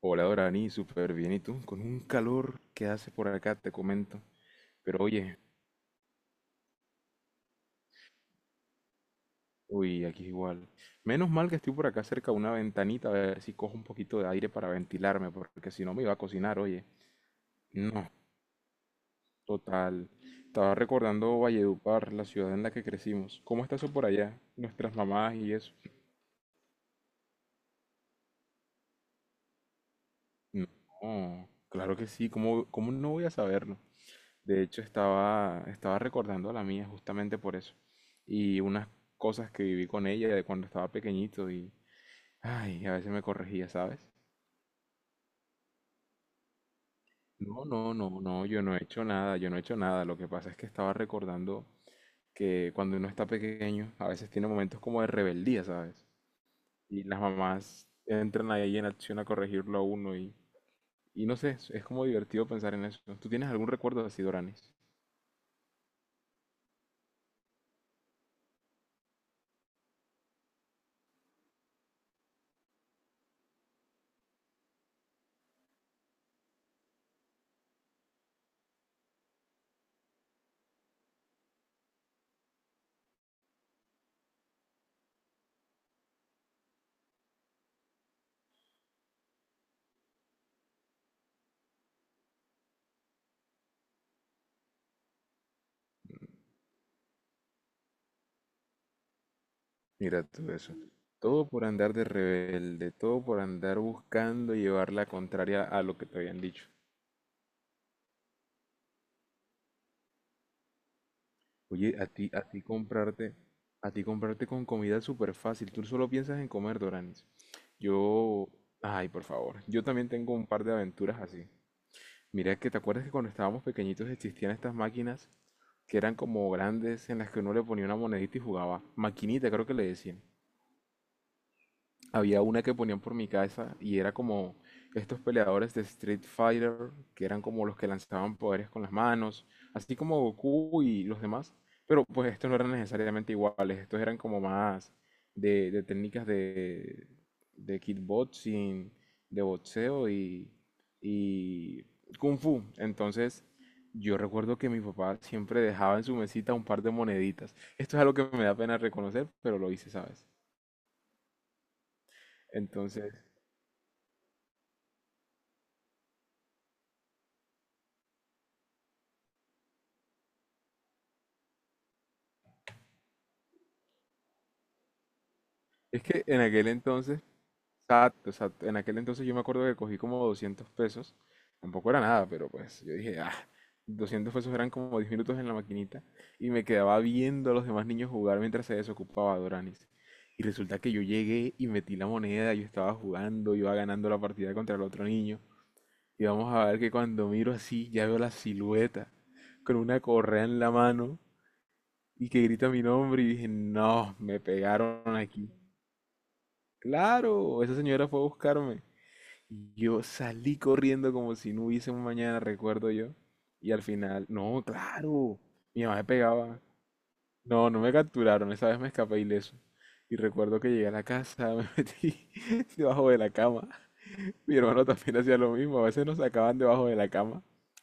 Hola Dorani, súper bien. ¿Y tú? Con un calor que hace por acá, te comento. Pero oye, uy, aquí es igual. Menos mal que estoy por acá cerca de una ventanita, a ver si cojo un poquito de aire para ventilarme, porque si no me iba a cocinar, oye. No, total. Estaba recordando Valledupar, la ciudad en la que crecimos. ¿Cómo está eso por allá? Nuestras mamás y eso. No, claro que sí, ¿cómo no voy a saberlo? De hecho, estaba recordando a la mía justamente por eso. Y unas cosas que viví con ella de cuando estaba pequeñito y, ay, a veces me corregía, ¿sabes? No, no, no, no, yo no he hecho nada, yo no he hecho nada. Lo que pasa es que estaba recordando que cuando uno está pequeño, a veces tiene momentos como de rebeldía, ¿sabes? Y las mamás entran ahí en acción a corregirlo a uno y no sé, es como divertido pensar en eso. ¿Tú tienes algún recuerdo así, Doranis? Mira todo eso. Todo por andar de rebelde, todo por andar buscando llevar la contraria a lo que te habían dicho. Oye, a ti comprarte con comida es súper fácil. Tú solo piensas en comer, Doranis. Yo, ay, por favor. Yo también tengo un par de aventuras así. Mira que te acuerdas que cuando estábamos pequeñitos existían estas máquinas que eran como grandes en las que uno le ponía una monedita y jugaba. Maquinita, creo que le decían. Había una que ponían por mi casa y era como estos peleadores de Street Fighter, que eran como los que lanzaban poderes con las manos, así como Goku y los demás. Pero pues estos no eran necesariamente iguales, estos eran como más de técnicas de kickboxing, de boxeo y kung fu. Entonces yo recuerdo que mi papá siempre dejaba en su mesita un par de moneditas. Esto es algo que me da pena reconocer, pero lo hice, ¿sabes? Entonces... Es que en aquel entonces, exacto, exacto, en aquel entonces yo me acuerdo que cogí como 200 pesos, tampoco era nada, pero pues yo dije, ah, 200 pesos eran como 10 minutos en la maquinita y me quedaba viendo a los demás niños jugar mientras se desocupaba Doranis. Y resulta que yo llegué y metí la moneda, yo estaba jugando, iba ganando la partida contra el otro niño. Y vamos a ver que cuando miro así, ya veo la silueta con una correa en la mano y que grita mi nombre y dije, no, me pegaron aquí. Claro, esa señora fue a buscarme. Yo salí corriendo como si no hubiese un mañana, recuerdo yo. Y al final, no, claro, mi mamá me pegaba. No, no me capturaron, esa vez me escapé ileso. Y recuerdo que llegué a la casa, me metí debajo de la cama. Mi hermano también hacía lo mismo, a veces nos sacaban debajo de la cama,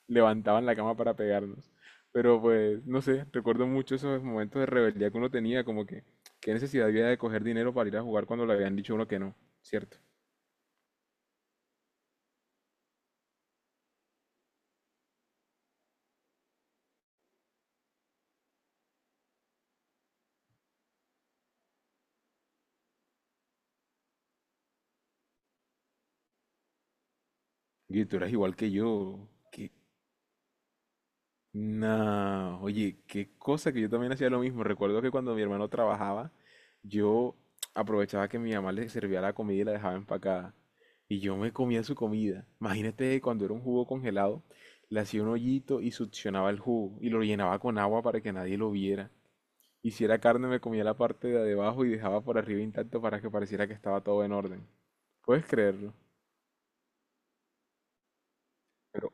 levantaban la cama para pegarnos. Pero pues, no sé, recuerdo mucho esos momentos de rebeldía que uno tenía, como que qué necesidad había de coger dinero para ir a jugar cuando le habían dicho a uno que no, ¿cierto? Oye, tú eras igual que yo. Que... Nah, oye, qué cosa que yo también hacía lo mismo. Recuerdo que cuando mi hermano trabajaba, yo aprovechaba que mi mamá le servía la comida y la dejaba empacada. Y yo me comía su comida. Imagínate cuando era un jugo congelado, le hacía un hoyito y succionaba el jugo y lo llenaba con agua para que nadie lo viera. Y si era carne, me comía la parte de abajo y dejaba por arriba intacto para que pareciera que estaba todo en orden. ¿Puedes creerlo? Pero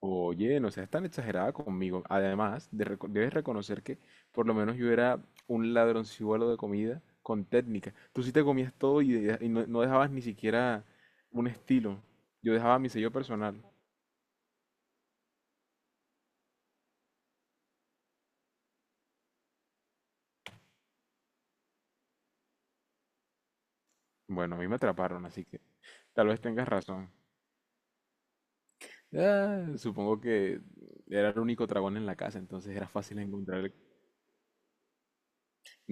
oye, no seas tan exagerada conmigo. Además, debes reconocer que por lo menos yo era un ladronzuelo de comida con técnica. Tú sí te comías todo y, y no, no dejabas ni siquiera un estilo. Yo dejaba mi sello personal. Bueno, a mí me atraparon, así que tal vez tengas razón. Ah, supongo que era el único dragón en la casa, entonces era fácil encontrar el-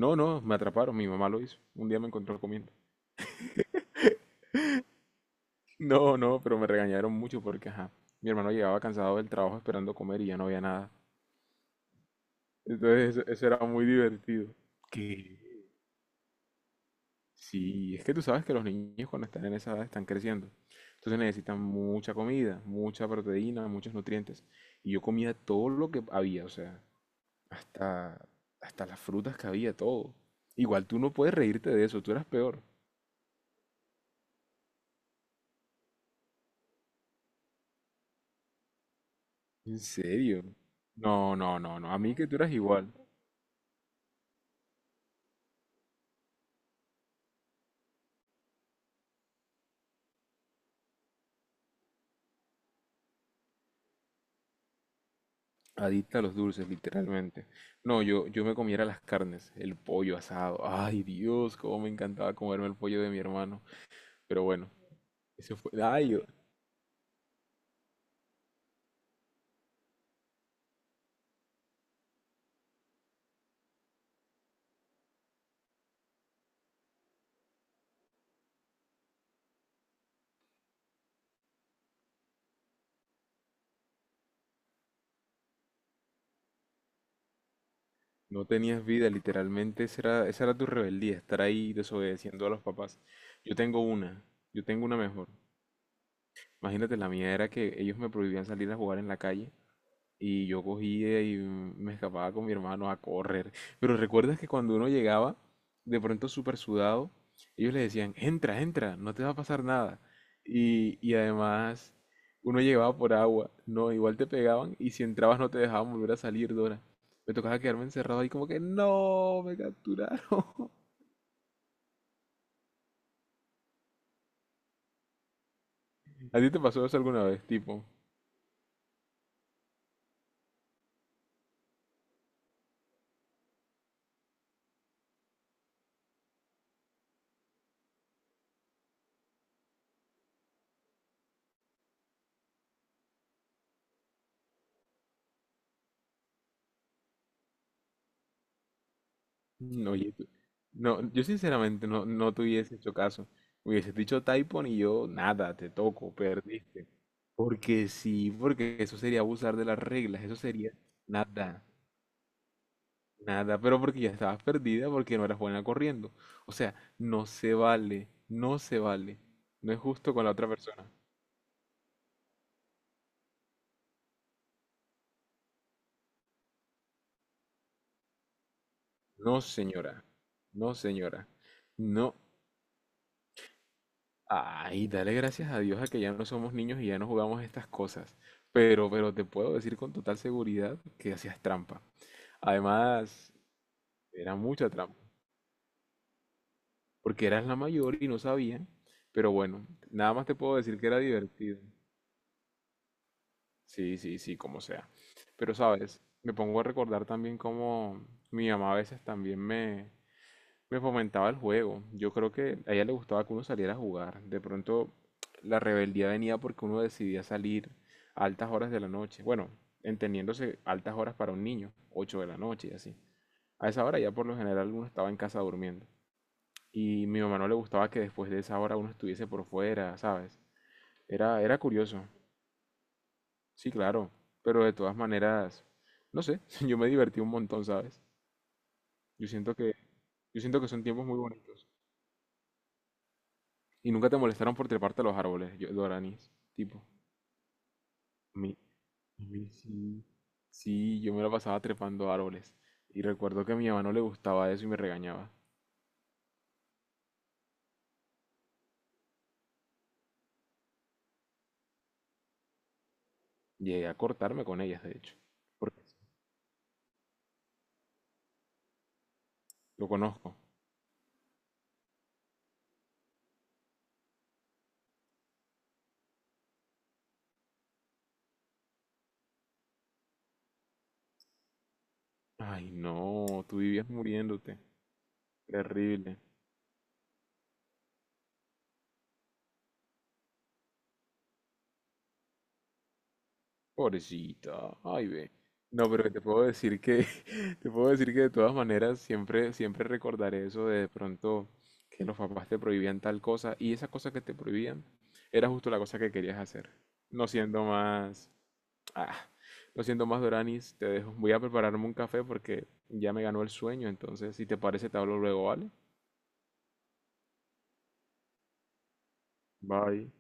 No, no, me atraparon, mi mamá lo hizo. Un día me encontró comiendo. No, no, pero me regañaron mucho porque, ajá, mi hermano llegaba cansado del trabajo esperando comer y ya no había nada. Entonces eso era muy divertido. ¿Qué? Sí, es que tú sabes que los niños cuando están en esa edad están creciendo. Entonces necesitan mucha comida, mucha proteína, muchos nutrientes. Y yo comía todo lo que había, o sea, hasta, hasta las frutas que había, todo. Igual tú no puedes reírte de eso, tú eras peor. ¿En serio? No, no, no, no. A mí que tú eras igual. Adicta a los dulces, literalmente. No, yo me comiera las carnes, el pollo asado. Ay, Dios, cómo me encantaba comerme el pollo de mi hermano. Pero bueno, eso fue. Ay, yo... no tenías vida, literalmente. Esa era tu rebeldía, estar ahí desobedeciendo a los papás. Yo tengo una, yo tengo una mejor. Imagínate, la mía era que ellos me prohibían salir a jugar en la calle. Y yo cogía y me escapaba con mi hermano a correr. Pero recuerdas que cuando uno llegaba, de pronto súper sudado, ellos le decían, entra, entra, no te va a pasar nada. Y además, uno llegaba por agua, no, igual te pegaban y si entrabas no te dejaban volver a salir, Dora. Me tocaba quedarme encerrado ahí como que, no, me capturaron. ¿A ti te pasó eso alguna vez, tipo? No, oye, no, yo sinceramente no, no te hubiese hecho caso. Hubieses dicho Typhon y yo, nada, te toco, perdiste. Porque sí, porque eso sería abusar de las reglas, eso sería nada, nada, pero porque ya estabas perdida, porque no eras buena corriendo. O sea, no se vale. No es justo con la otra persona. No, señora, no, señora. No, ay, dale gracias a Dios a que ya no somos niños y ya no jugamos estas cosas. Pero te puedo decir con total seguridad que hacías trampa. Además, era mucha trampa, porque eras la mayor y no sabían. Pero bueno, nada más te puedo decir que era divertido. Sí, sí, sí, como sea. Pero sabes, me pongo a recordar también cómo mi mamá a veces también me... Me fomentaba el juego. Yo creo que a ella le gustaba que uno saliera a jugar. De pronto la rebeldía venía porque uno decidía salir a altas horas de la noche. Bueno, entendiéndose altas horas para un niño, 8 de la noche y así. A esa hora ya por lo general uno estaba en casa durmiendo. Y mi mamá no le gustaba que después de esa hora uno estuviese por fuera, ¿sabes? Era curioso. Sí, claro. Pero de todas maneras, no sé, yo me divertí un montón, ¿sabes? Yo siento que, yo siento que son tiempos muy bonitos. Y nunca te molestaron por treparte a los árboles, yo, Doranis. Tipo, mi, mi sí. Sí, yo me la pasaba trepando a árboles. Y recuerdo que a mi mamá no le gustaba eso y me regañaba. Llegué a cortarme con ellas, de hecho. Porque lo conozco. Ay, no, tú vivías muriéndote. Terrible. Pobrecita, ay ve. No, pero te puedo decir que, te puedo decir que de todas maneras siempre, siempre recordaré eso de pronto que los papás te prohibían tal cosa y esa cosa que te prohibían era justo la cosa que querías hacer. No siendo más, ah, no siendo más Doranis, te dejo. Voy a prepararme un café porque ya me ganó el sueño, entonces si te parece te hablo luego, ¿vale? Bye.